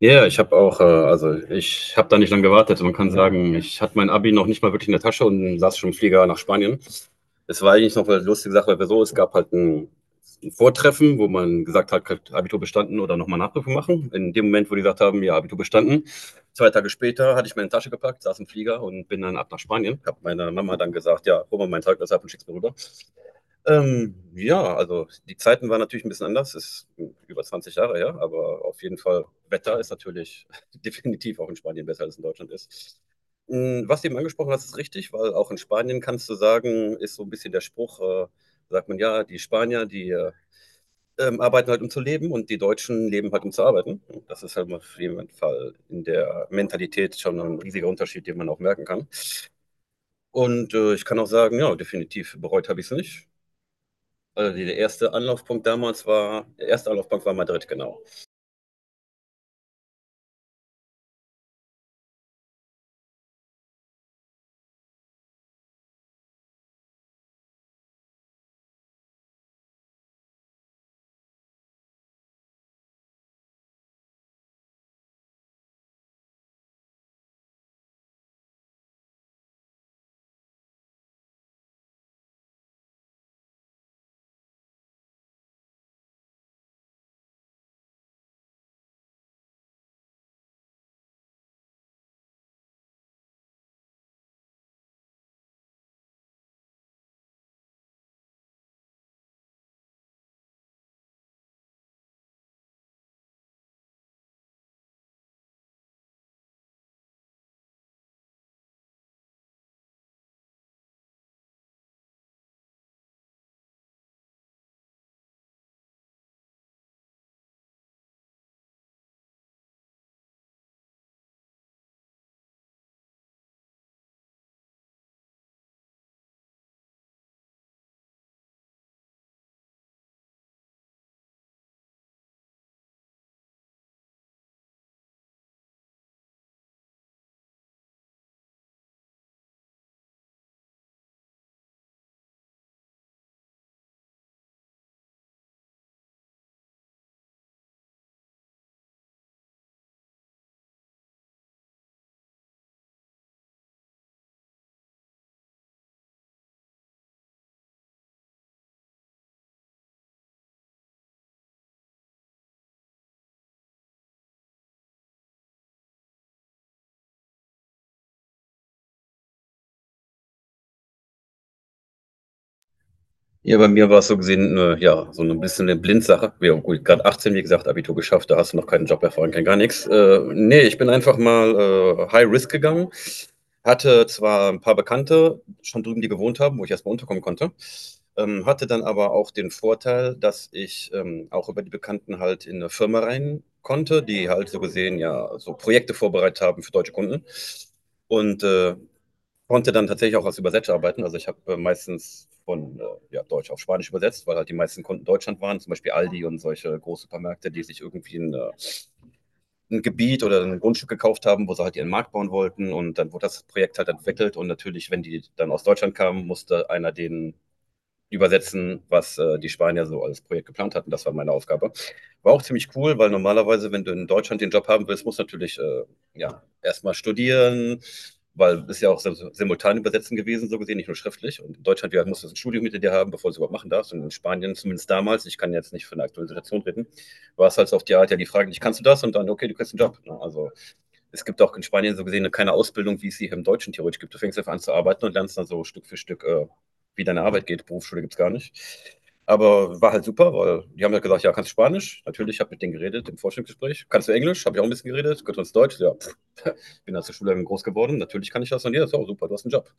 Ja, ja, ich habe auch ich habe da nicht lange gewartet. Man kann sagen, ich hatte mein Abi noch nicht mal wirklich in der Tasche und saß schon im Flieger nach Spanien. Es war eigentlich noch eine lustige Sache, weil wir so, es gab halt ein Vortreffen, wo man gesagt hat, hat Abitur bestanden oder nochmal Nachprüfung machen. In dem Moment, wo die gesagt haben, ja, Abitur bestanden, 2 Tage später hatte ich meine Tasche gepackt, saß im Flieger und bin dann ab nach Spanien. Habe meiner Mama dann gesagt, ja, hol mal mein Zeugnis ab und schick's mir rüber. Ja, also die Zeiten waren natürlich ein bisschen anders, ist über 20 Jahre her, aber auf jeden Fall Wetter ist natürlich definitiv auch in Spanien besser als in Deutschland ist. Hm, was du eben angesprochen hast, ist richtig, weil auch in Spanien kannst du sagen ist so ein bisschen der Spruch, sagt man: „Ja, die Spanier, die arbeiten halt, um zu leben und die Deutschen leben halt, um zu arbeiten.“ Das ist halt auf jeden Fall in der Mentalität schon ein riesiger Unterschied, den man auch merken kann. Und, ich kann auch sagen, ja, definitiv bereut habe ich es nicht. Also die, der erste Anlaufpunkt damals war, Der erste Anlaufpunkt war Madrid, genau. Ja, bei mir war es so gesehen, ja, so ein bisschen eine Blindsache. Wir haben gut, gerade 18, wie gesagt, Abitur geschafft, da hast du noch keinen Job erfahren, kein gar nichts. Nee, ich bin einfach mal High Risk gegangen. Hatte zwar ein paar Bekannte schon drüben, die gewohnt haben, wo ich erstmal unterkommen konnte. Hatte dann aber auch den Vorteil, dass ich auch über die Bekannten halt in eine Firma rein konnte, die halt so gesehen ja so Projekte vorbereitet haben für deutsche Kunden. Und äh, Konnte dann tatsächlich auch als Übersetzer arbeiten. Also ich habe meistens von ja, Deutsch auf Spanisch übersetzt, weil halt die meisten Kunden Deutschland waren, zum Beispiel Aldi und solche Großsupermärkte, die sich irgendwie ein Gebiet oder ein Grundstück gekauft haben, wo sie halt ihren Markt bauen wollten. Und dann wurde das Projekt halt entwickelt. Und natürlich, wenn die dann aus Deutschland kamen, musste einer den übersetzen, was die Spanier so als Projekt geplant hatten. Das war meine Aufgabe. War auch ziemlich cool, weil normalerweise, wenn du in Deutschland den Job haben willst, musst du natürlich ja, erstmal studieren, weil es ja auch so, so simultan übersetzen gewesen, so gesehen, nicht nur schriftlich. Und in Deutschland musst du so ein Studium hinter dir haben, bevor du es überhaupt machen darfst. Und in Spanien, zumindest damals, ich kann jetzt nicht von der aktuellen Situation reden, war es halt so auf die Art, ja, die Frage: dich, kannst du das? Und dann, okay, du kriegst einen Job. Ne? Also es gibt auch in Spanien so gesehen keine Ausbildung, wie es sie hier im Deutschen theoretisch gibt. Du fängst einfach an zu arbeiten und lernst dann so Stück für Stück, wie deine Arbeit geht. Berufsschule gibt es gar nicht. Aber war halt super, weil die haben ja halt gesagt, ja, kannst du Spanisch? Natürlich, ich habe mit denen geredet im Vorstellungsgespräch. Kannst du Englisch? Habe ich auch ein bisschen geredet. Kannst du uns Deutsch? Ja, pff. Bin als Schüler groß geworden. Natürlich kann ich das. Und ja, so, super, du hast einen Job.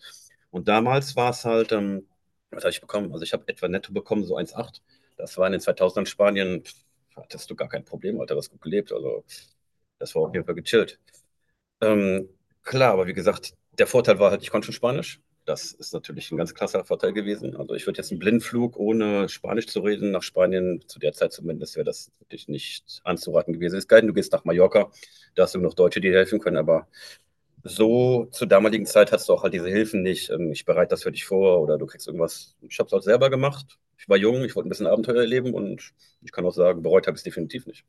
Und damals war es halt, was habe ich bekommen? Also ich habe etwa netto bekommen, so 1,8. Das war in den 2000ern Spanien, pff, hattest du gar kein Problem, Alter, das gut gelebt. Also das war auf jeden Fall gechillt. Ähm, klar, aber wie gesagt, der Vorteil war halt, ich konnte schon Spanisch. Das ist natürlich ein ganz krasser Vorteil gewesen. Also ich würde jetzt einen Blindflug ohne Spanisch zu reden nach Spanien, zu der Zeit zumindest, wäre das wirklich nicht anzuraten gewesen. Ist geil, du gehst nach Mallorca, da hast du noch Deutsche, die dir helfen können, aber so zur damaligen Zeit hast du auch halt diese Hilfen nicht. Ich bereite das für dich vor oder du kriegst irgendwas. Ich habe es halt selber gemacht. Ich war jung, ich wollte ein bisschen Abenteuer erleben und ich kann auch sagen, bereut habe ich es definitiv nicht.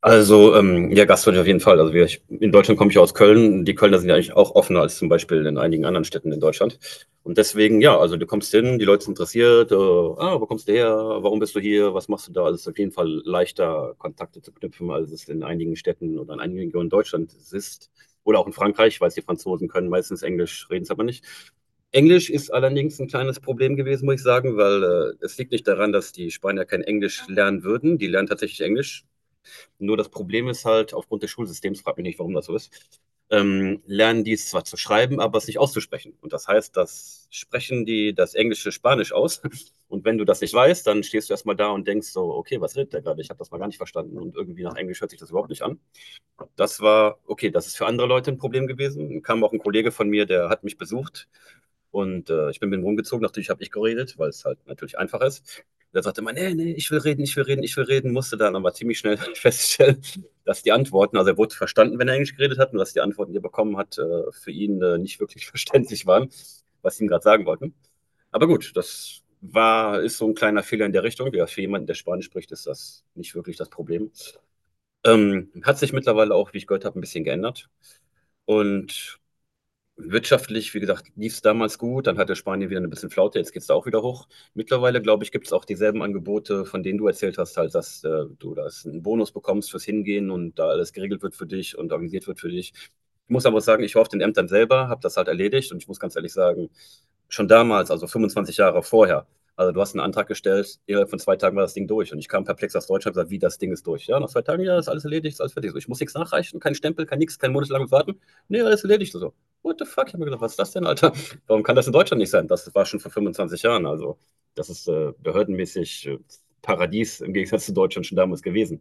Also, ja, Gastfreundschaft auf jeden Fall. Also ich, in Deutschland komme ich ja aus Köln. Die Kölner sind ja eigentlich auch offener als zum Beispiel in einigen anderen Städten in Deutschland. Und deswegen, ja, also du kommst hin, die Leute sind interessiert. Ah, wo kommst du her? Warum bist du hier? Was machst du da? Also es ist auf jeden Fall leichter, Kontakte zu knüpfen, als es in einigen Städten oder in einigen Regionen Deutschlands ist. Oder auch in Frankreich. Ich weiß, die Franzosen können meistens Englisch, reden es aber nicht. Englisch ist allerdings ein kleines Problem gewesen, muss ich sagen, weil es liegt nicht daran, dass die Spanier kein Englisch lernen würden. Die lernen tatsächlich Englisch, nur das Problem ist halt, aufgrund des Schulsystems, frag mich nicht, warum das so ist, lernen die es zwar zu schreiben, aber es nicht auszusprechen. Und das heißt, das sprechen die das Englische Spanisch aus. Und wenn du das nicht weißt, dann stehst du erstmal da und denkst so, okay, was redet der gerade? Ich habe das mal gar nicht verstanden. Und irgendwie nach Englisch hört sich das überhaupt nicht an. Das war, okay, das ist für andere Leute ein Problem gewesen. Dann kam auch ein Kollege von mir, der hat mich besucht und ich bin mit ihm rumgezogen. Natürlich habe ich geredet, weil es halt natürlich einfach ist. Der sagte immer: nee, nee, ich will reden, ich will reden, ich will reden. Musste dann aber ziemlich schnell feststellen, dass die Antworten, also er wurde verstanden, wenn er Englisch geredet hat, und dass die Antworten, die er bekommen hat, für ihn nicht wirklich verständlich waren, was sie ihm gerade sagen wollten. Aber gut, das war, ist so ein kleiner Fehler in der Richtung. Ja, für jemanden, der Spanisch spricht, ist das nicht wirklich das Problem. Hat sich mittlerweile auch, wie ich gehört habe, ein bisschen geändert und wirtschaftlich, wie gesagt, lief es damals gut, dann hatte Spanien wieder ein bisschen Flaute, jetzt geht's da auch wieder hoch. Mittlerweile, glaube ich, gibt es auch dieselben Angebote, von denen du erzählt hast halt, dass, du da einen Bonus bekommst fürs Hingehen und da alles geregelt wird für dich und organisiert wird für dich. Ich muss aber sagen, ich war auf den Ämtern selber, habe das halt erledigt und ich muss ganz ehrlich sagen, schon damals, also 25 Jahre vorher, also du hast einen Antrag gestellt, innerhalb von 2 Tagen war das Ding durch und ich kam perplex aus Deutschland, und gesagt: „Wie, das Ding ist durch?“ „Ja, nach 2 Tagen, ja, ist alles erledigt, ist alles fertig.“ So: „Ich muss nichts nachreichen, kein Stempel, kein nix, kein monatelanges Warten. Ne, alles erledigt.“ So. What the fuck? Ich habe mir gedacht, was ist das denn, Alter? Warum kann das in Deutschland nicht sein? Das war schon vor 25 Jahren. Also, das ist behördenmäßig Paradies im Gegensatz zu Deutschland schon damals gewesen.